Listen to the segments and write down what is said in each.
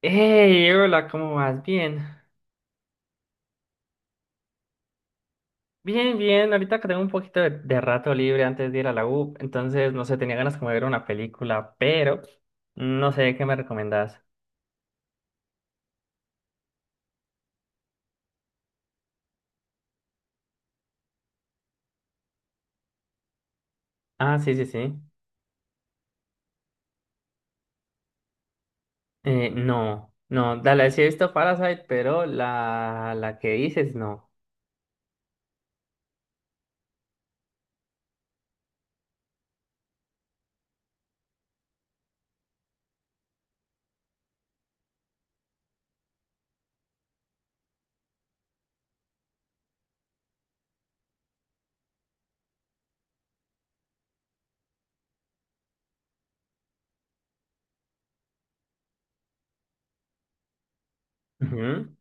Hey, hola, ¿cómo vas? Bien. Bien, bien. Ahorita que tengo un poquito de rato libre antes de ir a la U, entonces no sé, tenía ganas como de ver una película, pero no sé qué me recomendás. Ah, sí, sí, sí. No, no, dale, sí he visto Parasite, pero la que dices no. Ujú.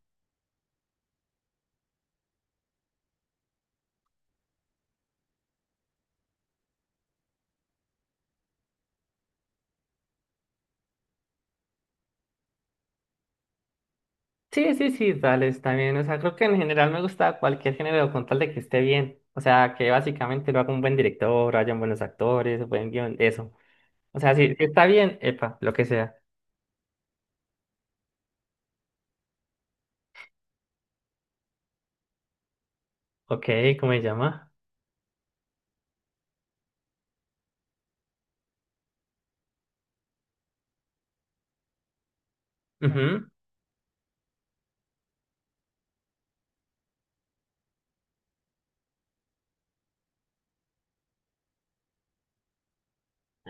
Sí, sí, sí, dale, está bien. O sea, creo que en general me gusta cualquier género con tal de que esté bien. O sea, que básicamente lo haga un buen director, hayan buenos actores, buen guión, eso. O sea, si está bien, epa, lo que sea. Ok, ¿cómo se llama? Ujú.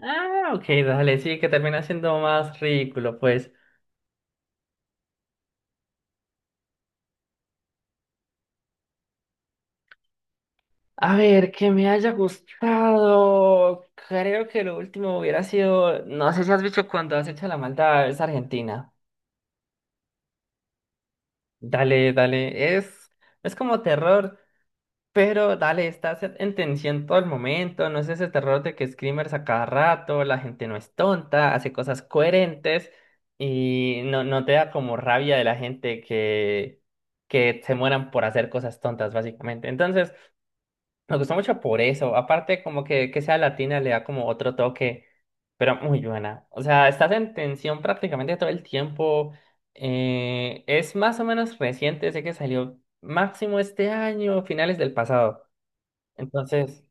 Ah, ok, dale, sí, que termina siendo más ridículo, pues. A ver, que me haya gustado. Creo que lo último hubiera sido. No sé si has visto Cuando has hecho la maldad, es Argentina. Dale, dale, es como terror. Pero dale, estás en tensión todo el momento, no es ese terror de que screamers a cada rato, la gente no es tonta, hace cosas coherentes y no, no te da como rabia de la gente que se mueran por hacer cosas tontas, básicamente. Entonces, me gustó mucho por eso. Aparte, como que sea latina le da como otro toque, pero muy buena. O sea, estás en tensión prácticamente todo el tiempo. Es más o menos reciente, sé que salió máximo este año, finales del pasado. Entonces,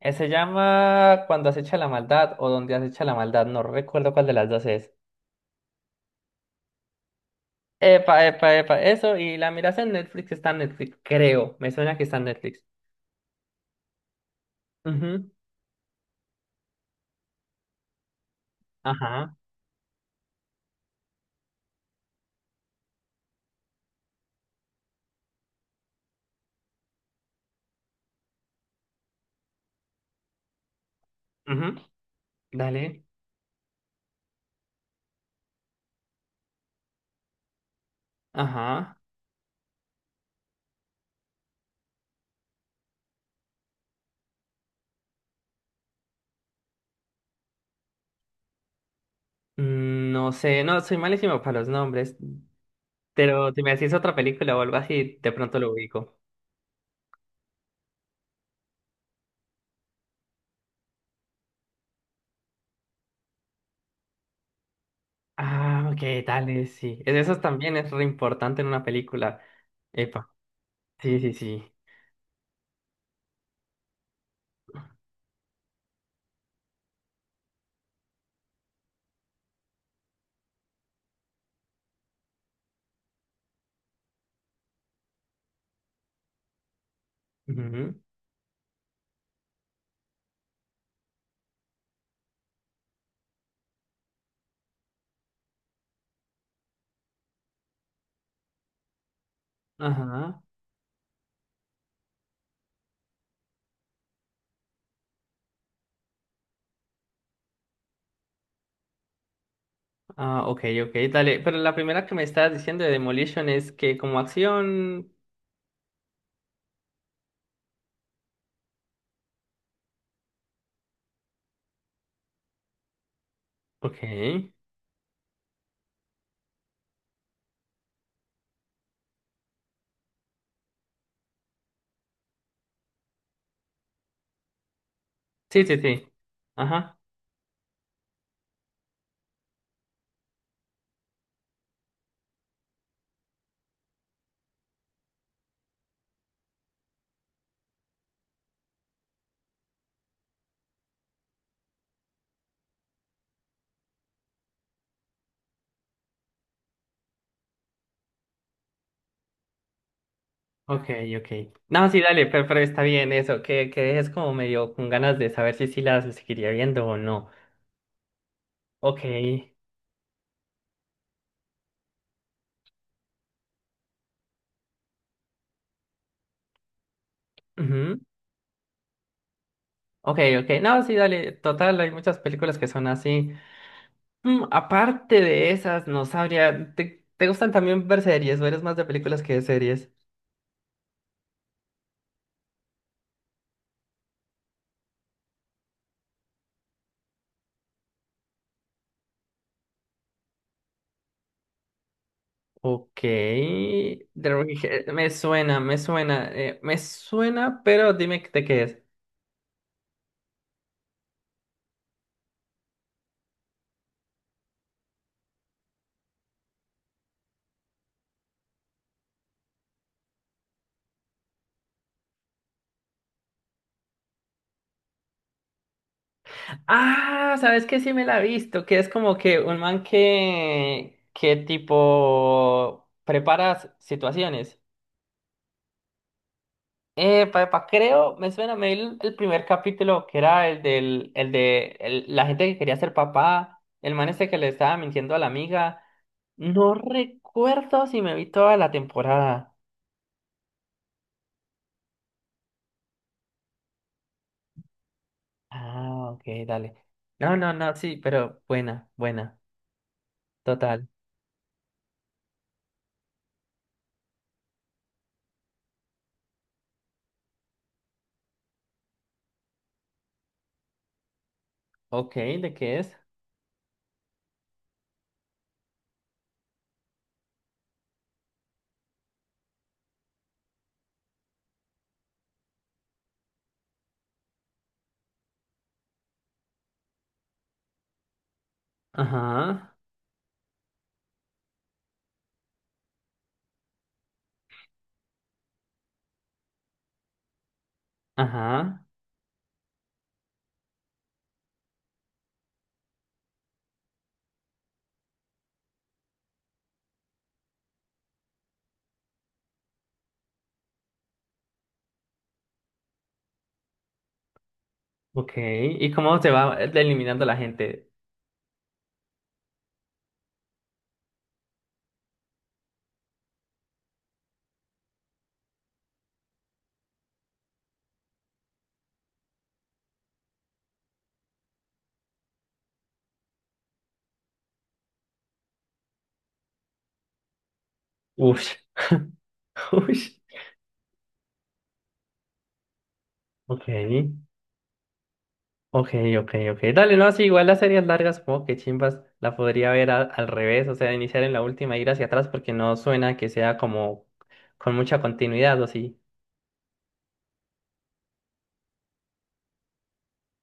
se llama Cuando acecha la maldad o Donde acecha la maldad. No recuerdo cuál de las dos es. Epa, epa, epa. Eso, y la miras en Netflix, está en Netflix, creo. Me suena que está en Netflix. Ujú. Ajá. Ujú. Dale. Ajá. Mm, no sé, no, soy malísimo para los nombres. Pero si me decís otra película o algo así, de pronto lo ubico. Ah, ok, dale, sí. Es eso también es re importante en una película. Epa. Sí, sí, sí. Ujú. Ajá. Ah, ok, ok, dale. Pero la primera que me estabas diciendo de Demolition es que como acción. Ok. Sí, sí, sí. Ajá. Ok, ok. No, sí, dale, pero está bien eso. Que dejes como medio con ganas de saber si sí las seguiría viendo o no. Ok. Ujú. Ok, ok. No, sí, dale. Total, hay muchas películas que son así. Mm, aparte de esas, no sabría. Te gustan también ver series o eres más de películas que de series? Ok, The Wicked, me suena, me suena, me suena, pero dime de qué es. Ah, ¿sabes qué? Sí me la he visto, que es como que un man que tipo prepara situaciones. Papá, creo, me suena, me vi el primer capítulo que era el del, la gente que quería ser papá, el man este que le estaba mintiendo a la amiga. No recuerdo si me vi toda la temporada. Ah, ok, dale. No, no, no, sí, pero buena, buena. Total. Ok, ¿de qué es? Ajá, ajá, ok. ¿Y cómo se va eliminando la gente? Ush. Ush. Ok, ok, ok, ok. Dale, no, sí, igual las series largas, como que chimbas, la podría ver al revés, o sea, iniciar en la última y ir hacia atrás porque no suena que sea como con mucha continuidad, ¿o sí?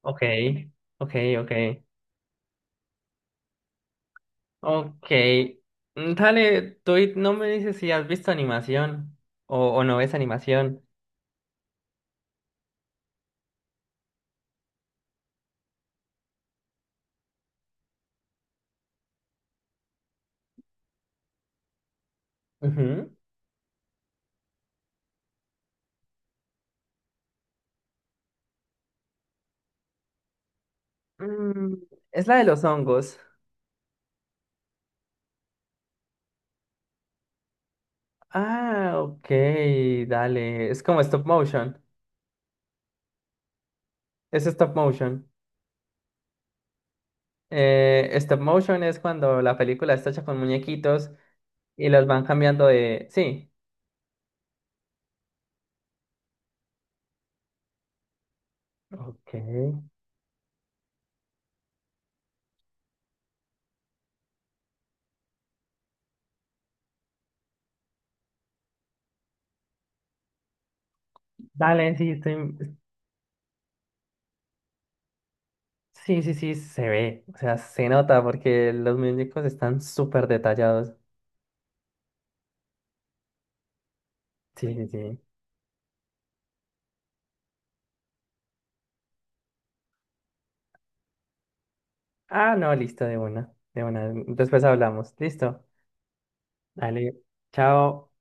Ok, ok, ok. Ok. Mm, dale, tú no me dices si has visto animación o no ves animación. Ujú. Mm, es la de los hongos. Ah, ok, dale. Es como stop motion. Es stop motion. Stop motion es cuando la película está hecha con muñequitos y los van cambiando de... Sí. Ok. Dale, sí, estoy... Sí, sí, sí, se ve. O sea, se nota porque los muñecos están súper detallados. Sí, sí, sí. Ah, no, listo, de una, de una. Después hablamos. Listo. Dale. Chao.